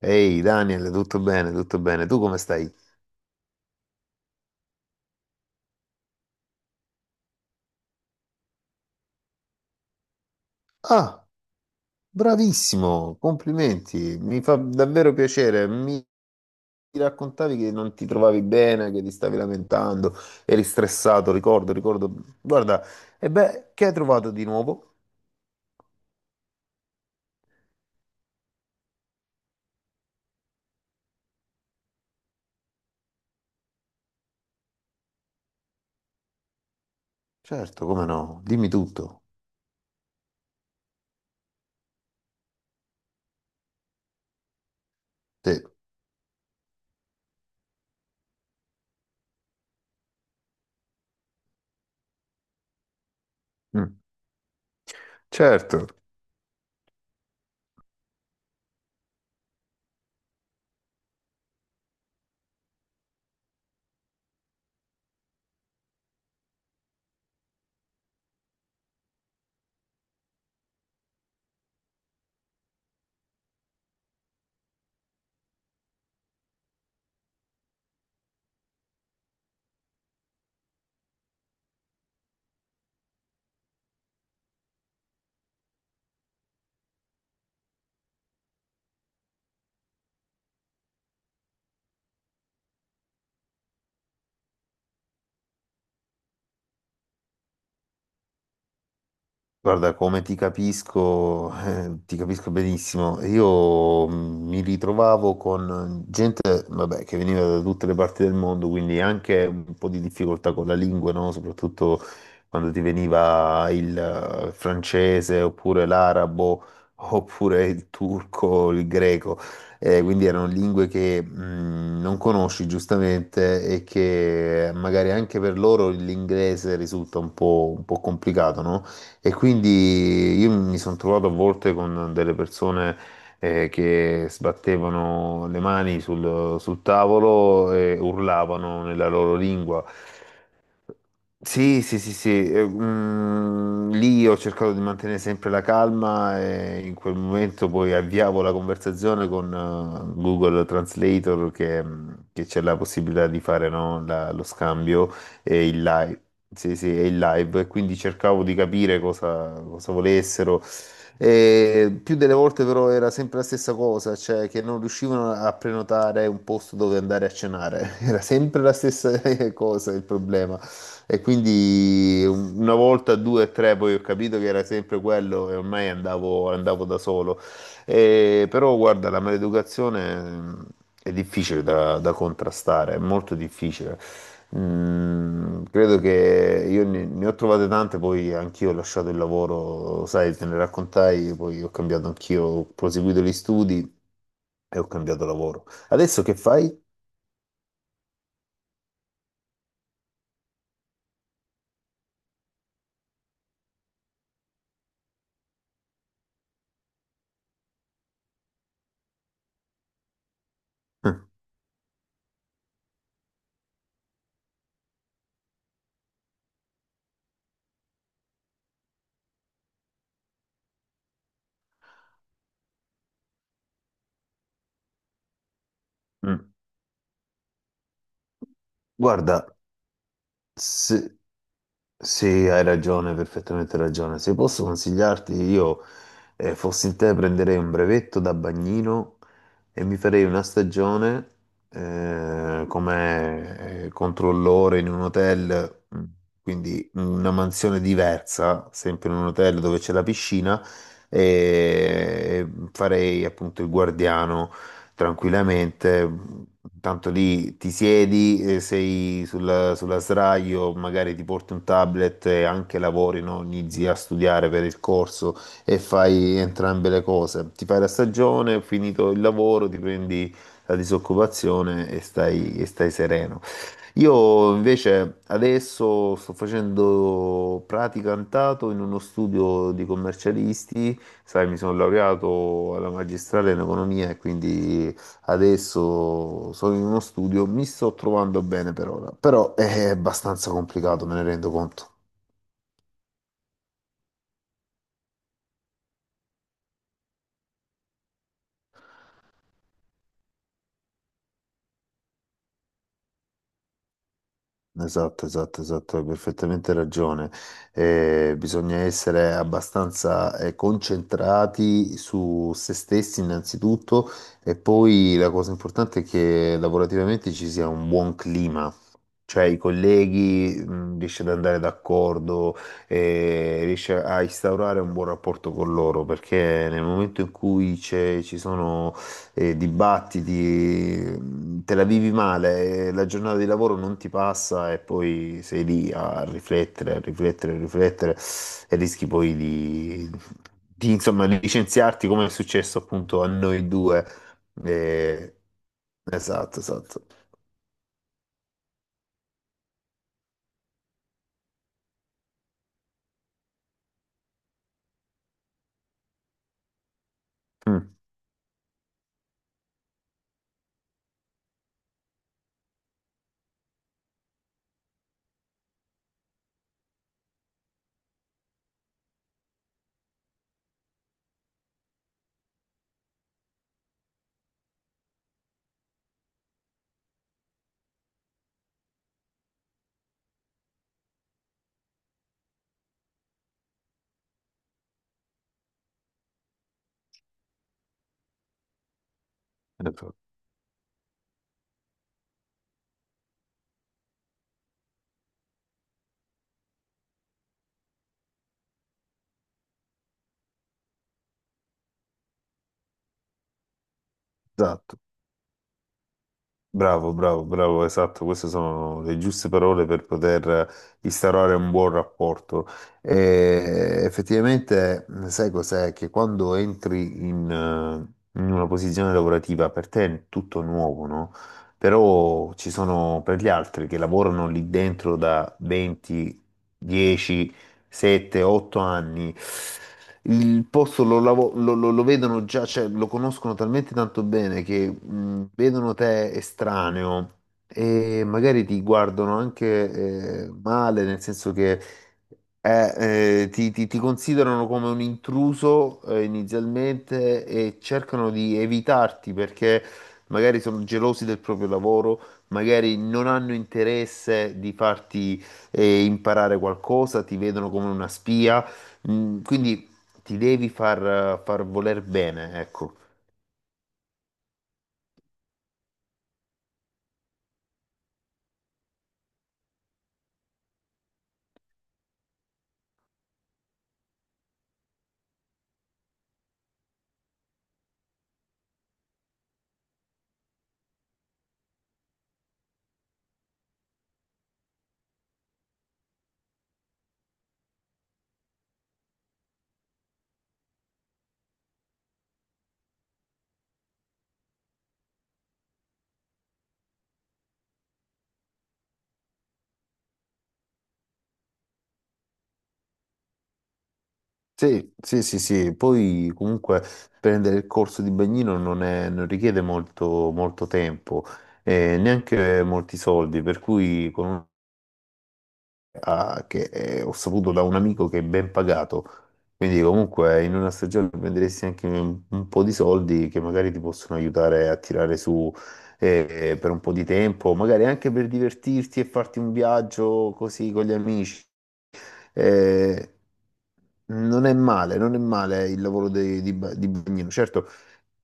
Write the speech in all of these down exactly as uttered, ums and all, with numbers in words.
Ehi Daniel, tutto bene, tutto bene. Tu come stai? Ah, bravissimo, complimenti. Mi fa davvero piacere. Mi raccontavi che non ti trovavi bene, che ti stavi lamentando, eri stressato, ricordo, ricordo. Guarda, e beh, che hai trovato di nuovo? Certo, come no? Dimmi tutto. Sì. Mm, certo. Guarda, come ti capisco, eh, ti capisco benissimo. Io mh, mi ritrovavo con gente, vabbè, che veniva da tutte le parti del mondo, quindi anche un po' di difficoltà con la lingua, no? Soprattutto quando ti veniva il eh, francese, oppure l'arabo, oppure il turco, il greco. Eh, quindi erano lingue che mh, non conosci giustamente e che magari anche per loro l'inglese risulta un po', un po' complicato, no? E quindi io mi sono trovato a volte con delle persone eh, che sbattevano le mani sul, sul tavolo e urlavano nella loro lingua. Sì, sì, sì, sì, eh, mm, lì ho cercato di mantenere sempre la calma e in quel momento poi avviavo la conversazione con eh, Google Translator che, mm, che c'è la possibilità di fare no, la- lo scambio e il live. Sì, sì, e il live, e quindi cercavo di capire cosa, cosa volessero. E più delle volte però era sempre la stessa cosa, cioè che non riuscivano a prenotare un posto dove andare a cenare, era sempre la stessa cosa il problema. E quindi una volta, due, o tre, poi ho capito che era sempre quello e ormai andavo, andavo da solo. E- però guarda, la maleducazione mh, è difficile da, da contrastare, è molto difficile. Mm, credo che io ne, ne ho trovate tante, poi anch'io ho lasciato il lavoro, sai, te ne raccontai, poi ho cambiato anch'io, ho proseguito gli studi e ho cambiato lavoro. Adesso che fai? Mm. Guarda, Se- sì, hai ragione, perfettamente ragione. Se posso consigliarti, io eh, fossi in te prenderei un brevetto da bagnino e mi farei una stagione eh, come eh, controllore in un hotel, mm, quindi una mansione diversa, sempre in un hotel dove c'è la piscina, e farei appunto il guardiano tranquillamente. Tanto lì ti siedi, eh, sei sulla, sulla sdraio, magari ti porti un tablet e anche lavori, no? Inizi a studiare per il corso e fai entrambe le cose. Ti fai la stagione, finito il lavoro, ti prendi la disoccupazione e stai, e stai sereno. Io invece adesso sto facendo praticantato in uno studio di commercialisti, sai, mi sono laureato alla magistrale in economia e quindi adesso sono in uno studio, mi sto trovando bene per ora, però è abbastanza complicato, me ne rendo conto. Esatto, esatto, esatto, hai perfettamente ragione. Eh, bisogna essere abbastanza eh, concentrati su se stessi innanzitutto e poi la cosa importante è che lavorativamente ci sia un buon clima, cioè i colleghi mh, riesce ad andare d'accordo, eh, riesce a instaurare un buon rapporto con loro, perché nel momento in cui c'è- ci sono eh, dibattiti, mh, te la vivi male, eh, la giornata di lavoro non ti passa e poi sei lì a riflettere, a riflettere, a riflettere e rischi poi di, di, insomma, licenziarti come è successo appunto a noi due. Eh, esatto, esatto. Mm, esatto. Esatto. Bravo, bravo, bravo, esatto, queste sono le giuste parole per poter instaurare un buon rapporto. E effettivamente, sai cos'è? Che quando entri in, eh, in una posizione lavorativa, per te è tutto nuovo, no? Però ci sono per gli altri che lavorano lì dentro da venti, dieci, sette, otto anni il posto lo, lavo- lo- lo- lo vedono già, cioè lo conoscono talmente tanto bene che mh, vedono te estraneo e magari ti guardano anche eh, male, nel senso che eh, eh, ti, ti- ti considerano come un intruso eh, inizialmente e cercano di evitarti perché magari sono gelosi del proprio lavoro, magari non hanno interesse di farti eh, imparare qualcosa, ti vedono come una spia. Mm, quindi ti devi far, far voler bene, ecco. Sì, sì, sì, sì. Poi comunque prendere il corso di bagnino non è- non richiede molto, molto tempo e neanche molti soldi, per cui con- un- ah, che, eh, ho saputo da un amico che è ben pagato, quindi comunque in una stagione prenderesti anche un, un po' di soldi che magari ti possono aiutare a tirare su eh, eh, per un po' di tempo, magari anche per divertirti e farti un viaggio così con gli amici. Eh, non è male, non è male il lavoro di, di, ba- di bagnino. Certo,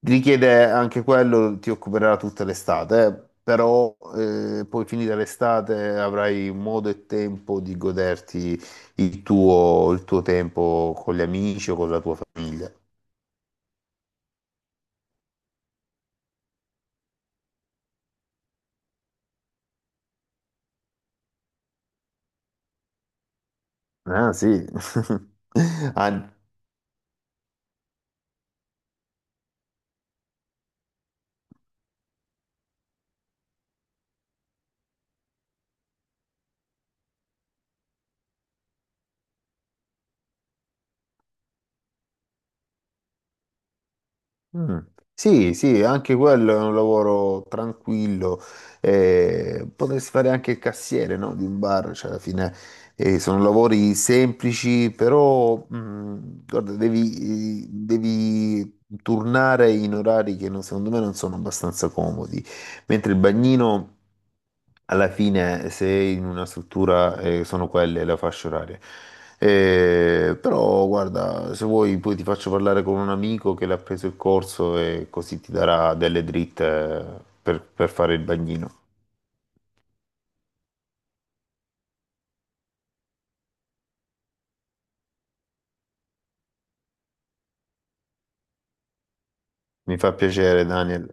richiede anche quello, ti occuperà tutta l'estate, eh, però eh, poi finita l'estate avrai modo e tempo di goderti il tuo, il tuo tempo con gli amici o con la tua famiglia. Ah, sì. Ah, mm. Sì, sì, anche quello è un lavoro tranquillo. Eh, potresti fare anche il cassiere, no? Di un bar, cioè alla fine eh, sono lavori semplici, però mm, guarda, devi, eh, devi turnare in orari che non- secondo me non sono abbastanza comodi. Mentre il bagnino alla fine, se in una struttura eh, sono quelle le fasce orarie. Eh, però guarda, se vuoi poi ti faccio parlare con un amico che l'ha preso il corso e così ti darà delle dritte per, per fare il bagnino. Mi fa piacere, Daniel.